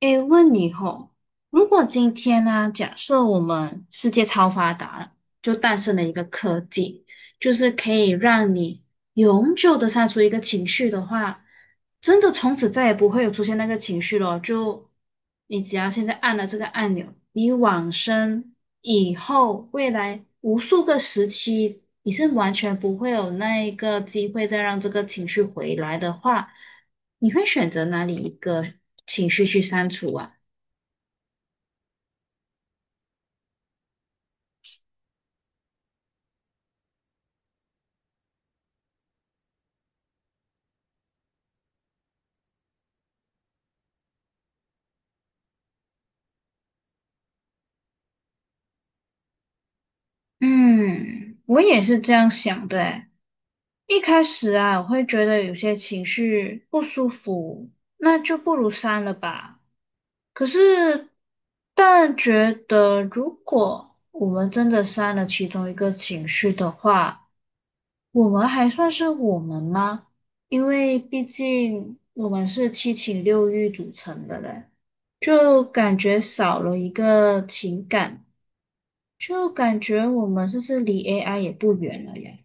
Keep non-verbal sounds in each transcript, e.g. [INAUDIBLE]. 诶，问你吼，如果今天呢、假设我们世界超发达了，就诞生了一个科技，就是可以让你永久的删除一个情绪的话，真的从此再也不会有出现那个情绪了。就你只要现在按了这个按钮，你往生以后，未来无数个时期，你是完全不会有那一个机会再让这个情绪回来的话，你会选择哪里一个情绪去删除啊？嗯，我也是这样想的欸，一开始啊，我会觉得有些情绪不舒服，那就不如删了吧。可是，但觉得如果我们真的删了其中一个情绪的话，我们还算是我们吗？因为毕竟我们是七情六欲组成的嘞，就感觉少了一个情感，就感觉我们是不是离 AI 也不远了呀？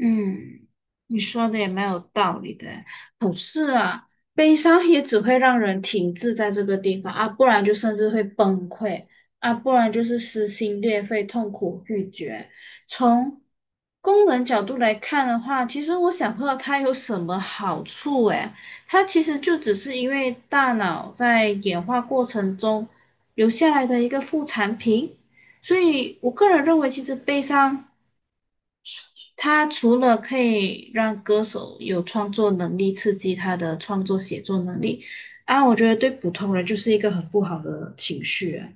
嗯，你说的也蛮有道理的诶，可是啊，悲伤也只会让人停滞在这个地方啊，不然就甚至会崩溃啊，不然就是撕心裂肺、痛苦欲绝。从功能角度来看的话，其实我想不到它有什么好处诶，它其实就只是因为大脑在演化过程中留下来的一个副产品。所以我个人认为，其实悲伤。它除了可以让歌手有创作能力，刺激他的创作写作能力啊，我觉得对普通人就是一个很不好的情绪啊。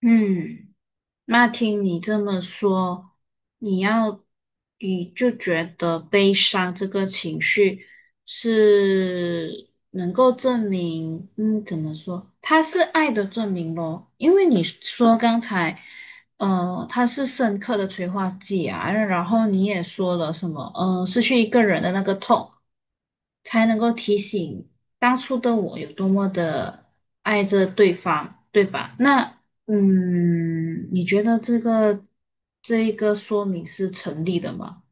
嗯。那听你这么说，你要，你就觉得悲伤这个情绪是能够证明，嗯，怎么说？它是爱的证明咯，因为你说刚才，它是深刻的催化剂啊，然后你也说了什么，嗯、失去一个人的那个痛。才能够提醒当初的我有多么的爱着对方，对吧？那嗯，你觉得这个这一个说明是成立的吗？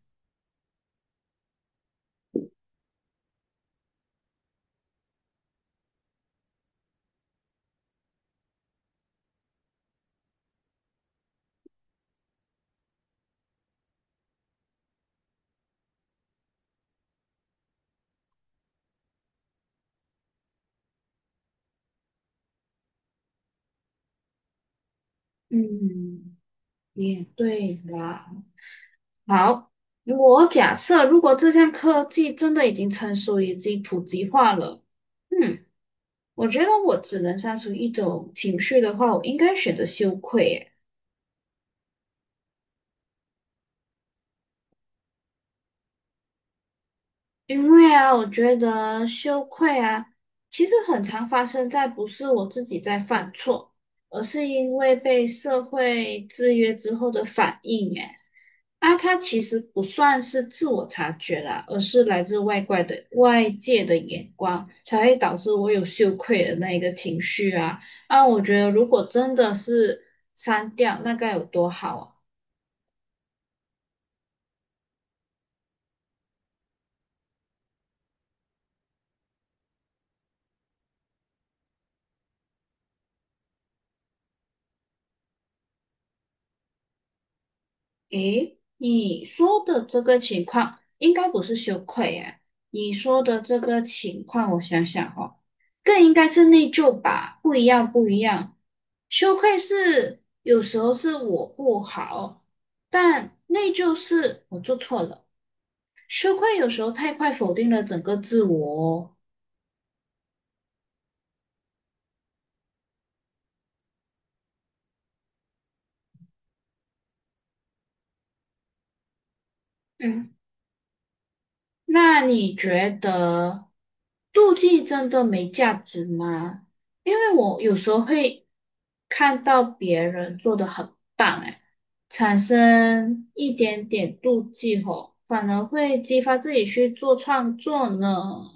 嗯，也对啦。好，我假设如果这项科技真的已经成熟，已经普及化了，嗯，我觉得我只能删除一种情绪的话，我应该选择羞愧耶。因为啊，我觉得羞愧啊，其实很常发生在不是我自己在犯错，而是因为被社会制约之后的反应。诶，啊，它其实不算是自我察觉啦，而是来自外怪的外界的眼光，才会导致我有羞愧的那一个情绪啊。啊，我觉得如果真的是删掉，那该有多好啊！诶，你说的这个情况应该不是羞愧呀、你说的这个情况，我想想哦，更应该是内疚吧？不一样，不一样。羞愧是有时候是我不好，但内疚是我做错了。羞愧有时候太快否定了整个自我哦。嗯。那你觉得妒忌真的没价值吗？因为我有时候会看到别人做的很棒，哎，产生一点点妒忌吼，反而会激发自己去做创作呢。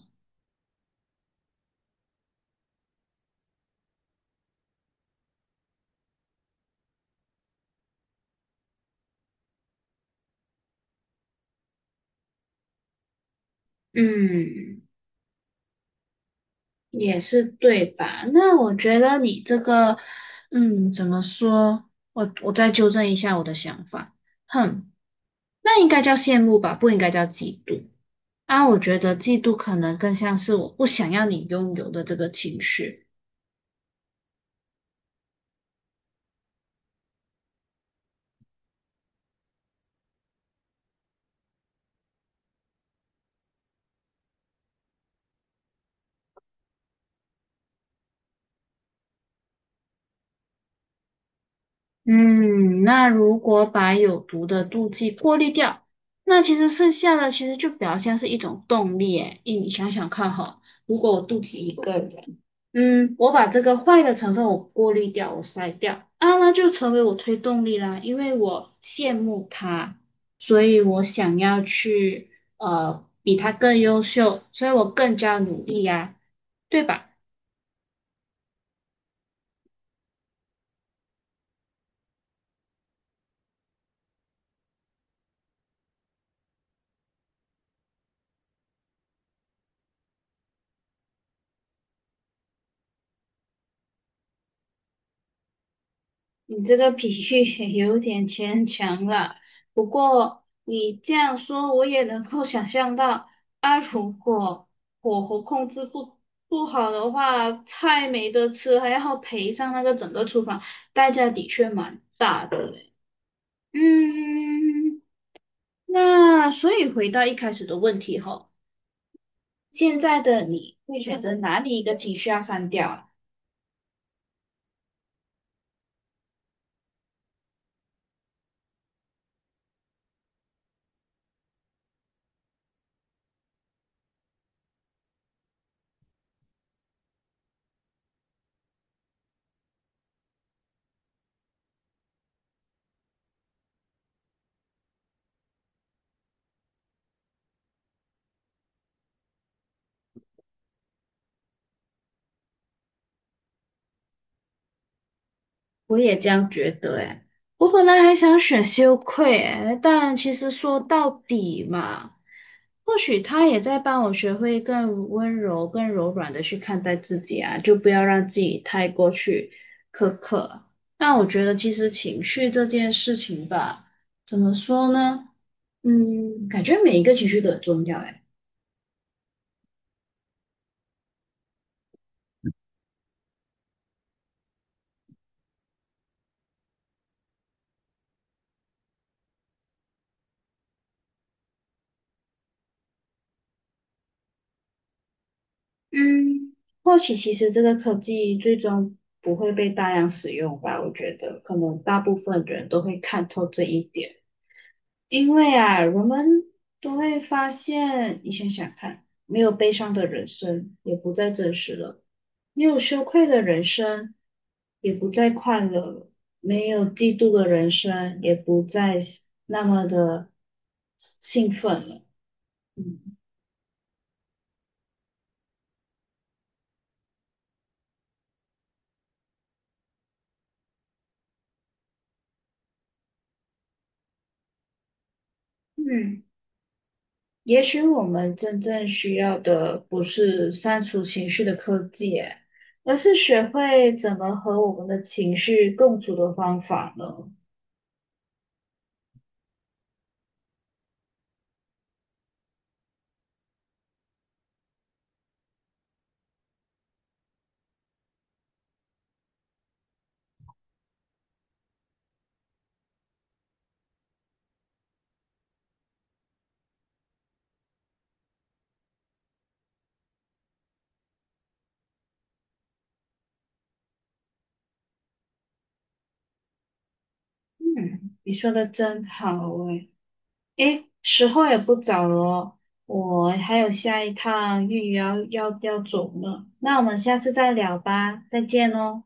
嗯，也是对吧？那我觉得你这个，嗯，怎么说？我再纠正一下我的想法。哼，那应该叫羡慕吧，不应该叫嫉妒。啊，我觉得嫉妒可能更像是我不想要你拥有的这个情绪。嗯，那如果把有毒的妒忌过滤掉，那其实剩下的其实就比较像是一种动力。诶，诶你想想看哈，如果我妒忌一个人，嗯，我把这个坏的成分我过滤掉，我筛掉，啊，那就成为我推动力啦，因为我羡慕他，所以我想要去比他更优秀，所以我更加努力呀，对吧？你这个比喻 [LAUGHS] 也有点牵强了，不过你这样说，我也能够想象到，啊，如果火候控制不好的话，菜没得吃，还要赔上那个整个厨房，代价的确蛮大的嘞。嗯，那所以回到一开始的问题吼，现在的你会选择哪里一个情绪要删掉啊？我也这样觉得诶，我本来还想选羞愧诶，但其实说到底嘛，或许他也在帮我学会更温柔、更柔软的去看待自己啊，就不要让自己太过去苛刻。但我觉得其实情绪这件事情吧，怎么说呢？嗯，感觉每一个情绪都很重要诶。嗯，或许其实这个科技最终不会被大量使用吧，我觉得可能大部分人都会看透这一点，因为啊，人们都会发现，你想想看，没有悲伤的人生也不再真实了，没有羞愧的人生也不再快乐了，没有嫉妒的人生也不再那么的兴奋了，嗯嗯。也许我们真正需要的不是删除情绪的科技，诶而是学会怎么和我们的情绪共处的方法呢？嗯，你说的真好诶。诶，时候也不早了哦，我还有下一趟预约要走呢。那我们下次再聊吧，再见哦。